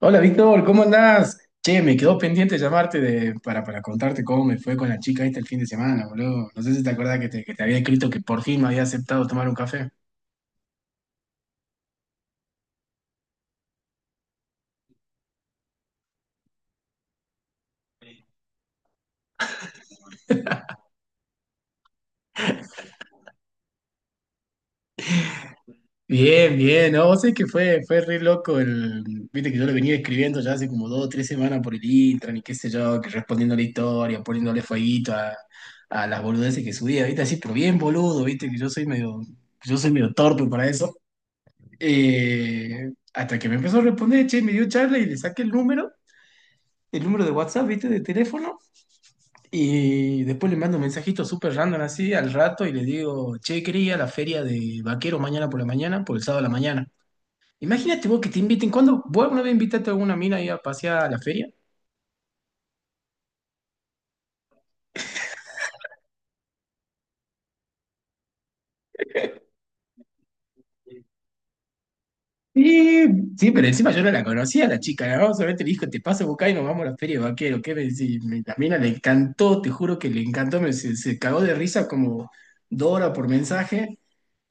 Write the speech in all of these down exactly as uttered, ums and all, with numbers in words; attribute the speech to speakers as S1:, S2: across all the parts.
S1: Hola Víctor, ¿cómo andás? Che, me quedó pendiente llamarte de, para, para contarte cómo me fue con la chica esta el fin de semana, boludo. No sé si te acordás que te, que te había escrito que por fin me había aceptado tomar un café. Bien, bien, no, vos sé que fue, fue re loco el, viste que yo le venía escribiendo ya hace como dos o tres semanas por el Intran y qué sé yo, que respondiéndole historia, poniéndole fueguito a, a las boludeces que subía, viste, así, pero bien boludo, viste, que yo soy medio, yo soy medio torpe para eso. Eh, hasta que me empezó a responder, che, me dio charla y le saqué el número, el número de WhatsApp, viste, de teléfono. Y después le mando un mensajito súper random así al rato y le digo, che, quería ir a la feria de vaquero mañana por la mañana, por el sábado a la mañana. Imagínate vos que te inviten, ¿cuándo? ¿Vos alguna vez invitaste a alguna mina ahí a pasear a la feria? Sí, sí, pero encima yo no la conocía la chica, ¿no? Solamente le dijo, te paso a buscar y nos vamos a la feria de vaquero. ¿Qué me decís? Me- La mina le encantó, te juro que le encantó, me, se, se cagó de risa como Dora por mensaje.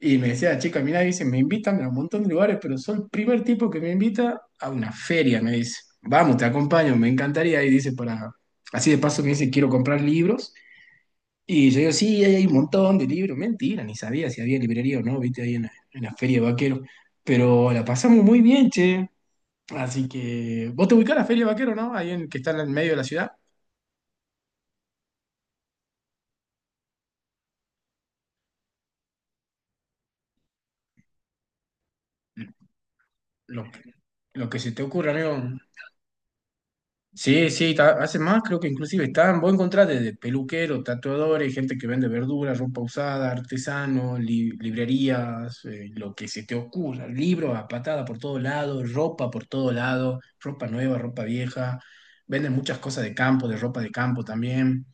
S1: Y me decía la chica, mira, dice, me invitan a un montón de lugares, pero soy el primer tipo que me invita a una feria, me dice. Vamos, te acompaño, me encantaría. Y dice, para, así de paso me dice, quiero comprar libros y yo digo, sí, ahí hay un montón de libros. Mentira, ni sabía si había librería o no, viste, ahí en la, en la Feria de Vaquero. Pero la pasamos muy bien, che. Así que, vos te ubicás en la Feria de Vaquero, ¿no? Ahí en, que está en el medio de la ciudad. Lo, lo que se te ocurra, amigo. Sí, sí, ta- hace más, creo que inclusive están, vos encontrás desde peluqueros, tatuadores, gente que vende verduras, ropa usada, artesanos, li- librerías, eh, lo que se te ocurra, libros a patada por todo lado, ropa por todo lado, ropa nueva, ropa vieja, venden muchas cosas de campo, de ropa de campo también,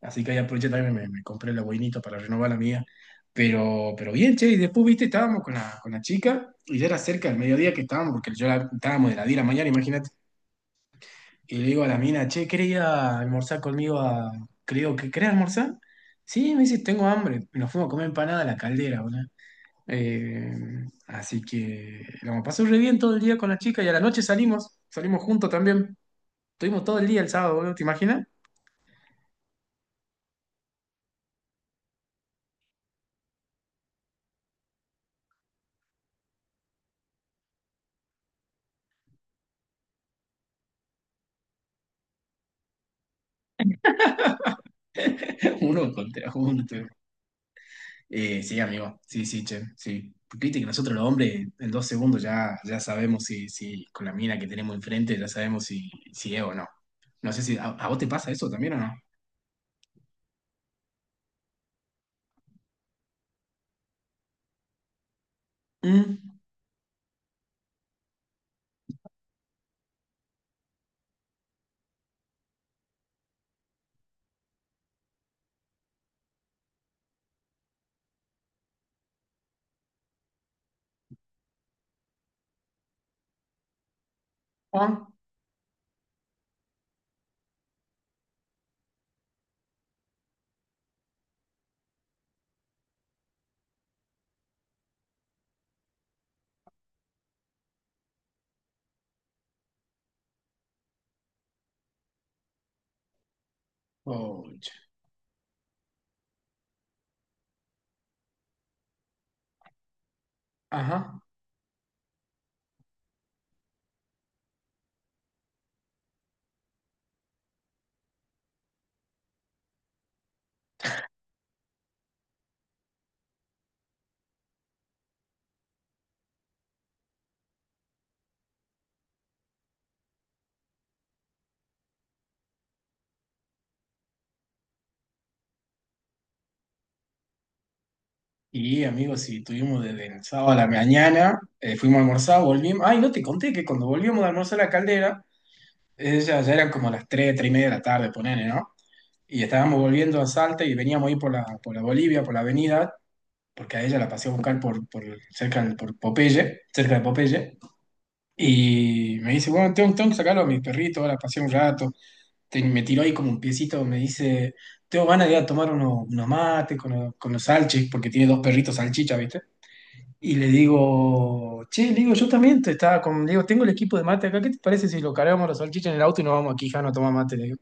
S1: así que ahí aproveché también, me, me compré la boinita para renovar la mía, pero, pero bien, che, y después, viste, estábamos con la, con la chica y ya era cerca del mediodía que estábamos, porque yo la, estábamos de la diez de la mañana, imagínate. Y le digo a la mina, che, quería almorzar conmigo a... Creo que querés almorzar. Sí, me dice, tengo hambre. Nos fuimos a comer empanada a la caldera, boludo. Eh, Así que lo pasó re bien todo el día con la chica y a la noche salimos, salimos juntos también. Estuvimos todo el día el sábado, boludo, ¿te imaginas? Uno contra junto. Eh, sí, amigo, sí, sí, che, sí. Porque viste que nosotros los hombres en dos segundos ya, ya sabemos si, si con la mina que tenemos enfrente ya sabemos si, si es o no. No sé si a, a vos te pasa eso también o no. Mm, Juan. Ouch. Ajá. Y amigos, si tuvimos desde el sábado a la mañana, eh, fuimos a almorzar, volvimos. Ay, no te conté que cuando volvíamos de almorzar a la caldera, eh, ya, ya eran como las tres, tres y media de la tarde, ponele, ¿no? Y estábamos volviendo a Salta y veníamos ahí por la, por la Bolivia, por la avenida, porque a ella la pasé a buscar por, por cerca de, por Popeye, cerca de Popeye. Y me dice, bueno, tengo, tengo que sacarlo a mis perritos, ahora pasé un rato. Te- me tiró ahí como un piecito, me dice, tengo ganas de ir a tomar uno- unos mates con, los- con los salchis, porque tiene dos perritos salchicha, ¿viste? Y le digo, che, le digo, yo también te estaba con, le digo, tengo el equipo de mate acá, ¿qué te parece si lo cargamos los salchichas en el auto y nos vamos aquí, Jano, a tomar mate? Le digo.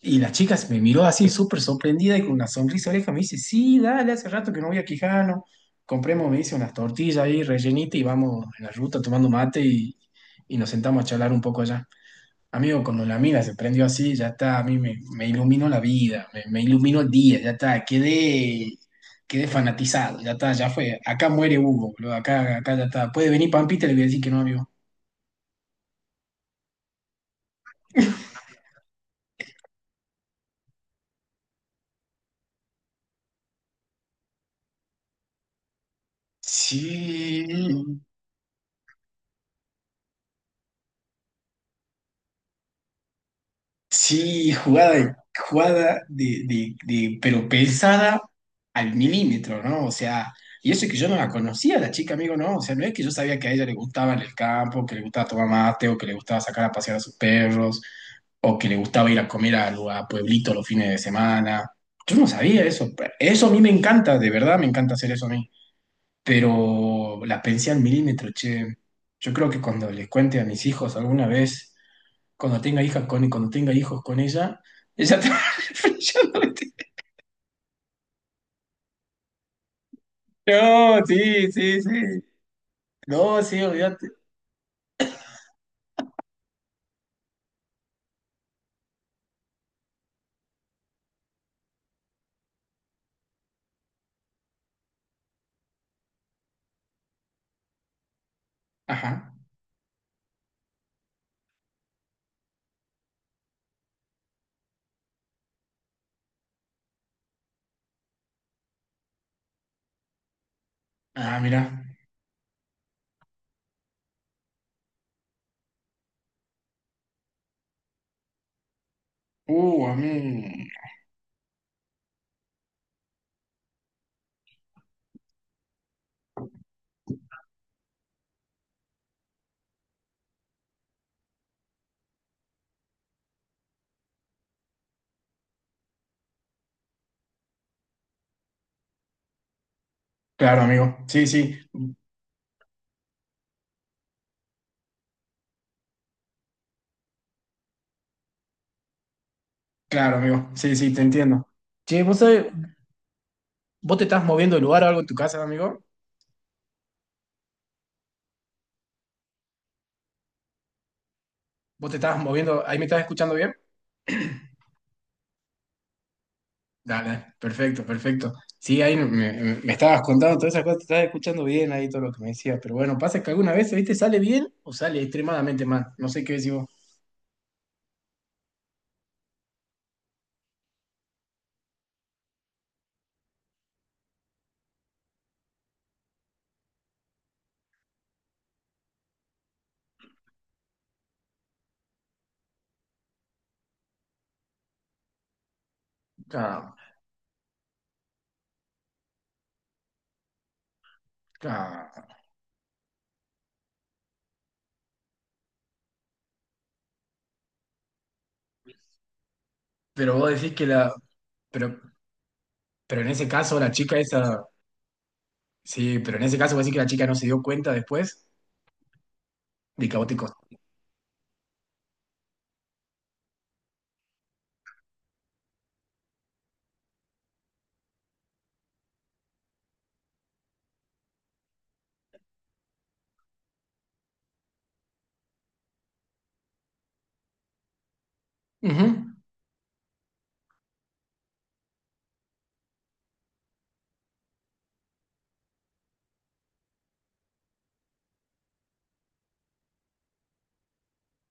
S1: Y la chica se me miró así súper sorprendida y con una sonrisa oreja me dice, sí, dale, hace rato que no voy a Quijano. Compremos, me dice, unas tortillas ahí rellenitas y vamos en la ruta tomando mate y, y nos sentamos a charlar un poco allá. Amigo, cuando la mina se prendió así, ya está, a mí me, me iluminó la vida, me, me iluminó el día, ya está, quedé, quedé fanatizado, ya está, ya fue. Acá muere Hugo, boludo, acá, acá ya está. Puede venir Pampita, le voy a decir que no, amigo. Sí, sí, jugada, de- jugada de, de- de- pero pensada al milímetro, ¿no? O sea, y eso es que yo no la conocía, la chica, amigo, ¿no? O sea, no es que yo sabía que a ella le gustaba en el campo, que le gustaba tomar mate, o que le gustaba sacar a pasear a sus perros, o que le gustaba ir a comer a, lu- a pueblito los fines de semana. Yo no sabía eso. Eso a mí me encanta, de verdad me encanta hacer eso a mí. Pero la pensé al milímetro, che. Yo creo que cuando les cuente a mis hijos alguna vez cuando tenga hijas con, cuando tenga hijos con ella, ella te va flasheando, ¿viste? No, le tengo- no, sí, sí, sí. No, sí, olvídate. Ajá. Ah, mira. Uh, a mí. Claro, amigo. Sí, sí. Claro, amigo. Sí, sí, te entiendo. Che, ¿vos sabés, vos te estás moviendo de lugar o algo en tu casa, amigo? ¿Vos te estás moviendo? ¿Ahí me estás escuchando bien? Dale, perfecto, perfecto. Sí, ahí me, me- me estabas contando todas esas cosas, te estabas escuchando bien ahí todo lo que me decías, pero bueno, pasa que alguna vez, ¿viste? Sale bien o sale extremadamente mal. No sé qué decís vos. Ah, ah, pero vos decís que la... Pero, pero en ese caso la chica esa... Sí, pero en ese caso vos decís que la chica no se dio cuenta después de que a vos te costó. Ujú.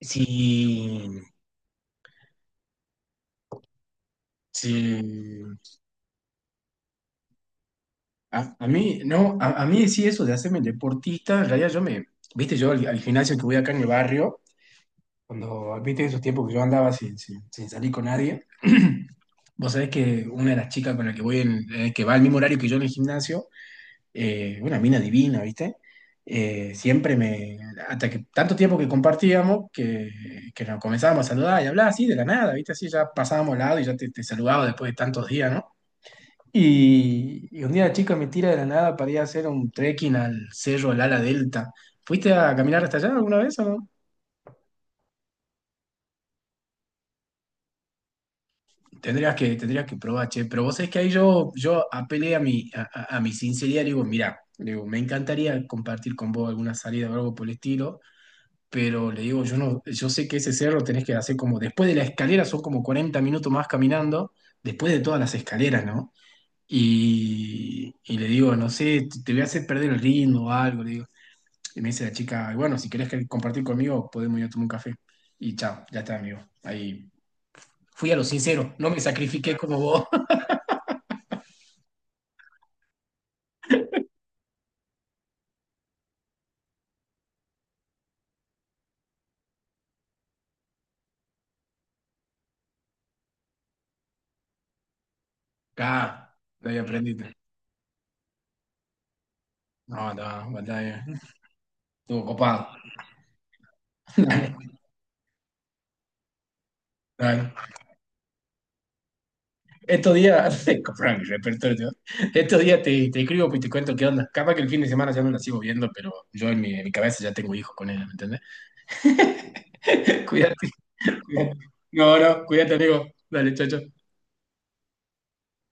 S1: Sí, sí. A, a mí, no, a, a mí sí eso de hacerme el deportista, en realidad yo me... Viste, yo al al gimnasio que voy acá en el barrio. Cuando viste esos tiempos que yo andaba sin, sin- sin salir con nadie, vos sabés que una de las chicas con la que voy, en- eh, que va al mismo horario que yo en el gimnasio, eh, una mina divina, ¿viste? Eh, siempre me, hasta que tanto tiempo que compartíamos, que, que nos comenzábamos a saludar y hablar así de la nada, ¿viste? Así ya pasábamos al lado y ya te, te saludaba después de tantos días, ¿no? Y, y un día la chica me tira de la nada para ir a hacer un trekking al cerro Lala Delta. ¿Fuiste a caminar hasta allá alguna vez o no? Tendrías que, tendrías que probar, che. Pero vos sabés que ahí yo, yo apelé a mi, a, a- a mi sinceridad, le digo, mirá, le digo, me encantaría compartir con vos alguna salida o algo por el estilo, pero le digo, yo no, yo sé que ese cerro tenés que hacer como después de la escalera, son como cuarenta minutos más caminando, después de todas las escaleras, ¿no? Y, y le digo, no sé, te te voy a hacer perder el ritmo o algo, le digo. Y me dice la chica, bueno, si querés que- compartir conmigo, podemos ir a tomar un café. Y chao, ya está, amigo. Ahí fui a lo sincero, no me sacrifiqué como vos. Ah, de ahí aprendiste. No, no, batalla. Estuvo copado. Dale, dale. Estos días, compraron mi repertorio. Estos días te, te escribo pues, y te cuento qué onda. Capaz que el fin de semana ya no la sigo viendo, pero yo en mi, en mi cabeza ya tengo hijos con ella, ¿me entendés? Cuídate, cuídate. No, no, cuídate, amigo. Dale, chao, chao.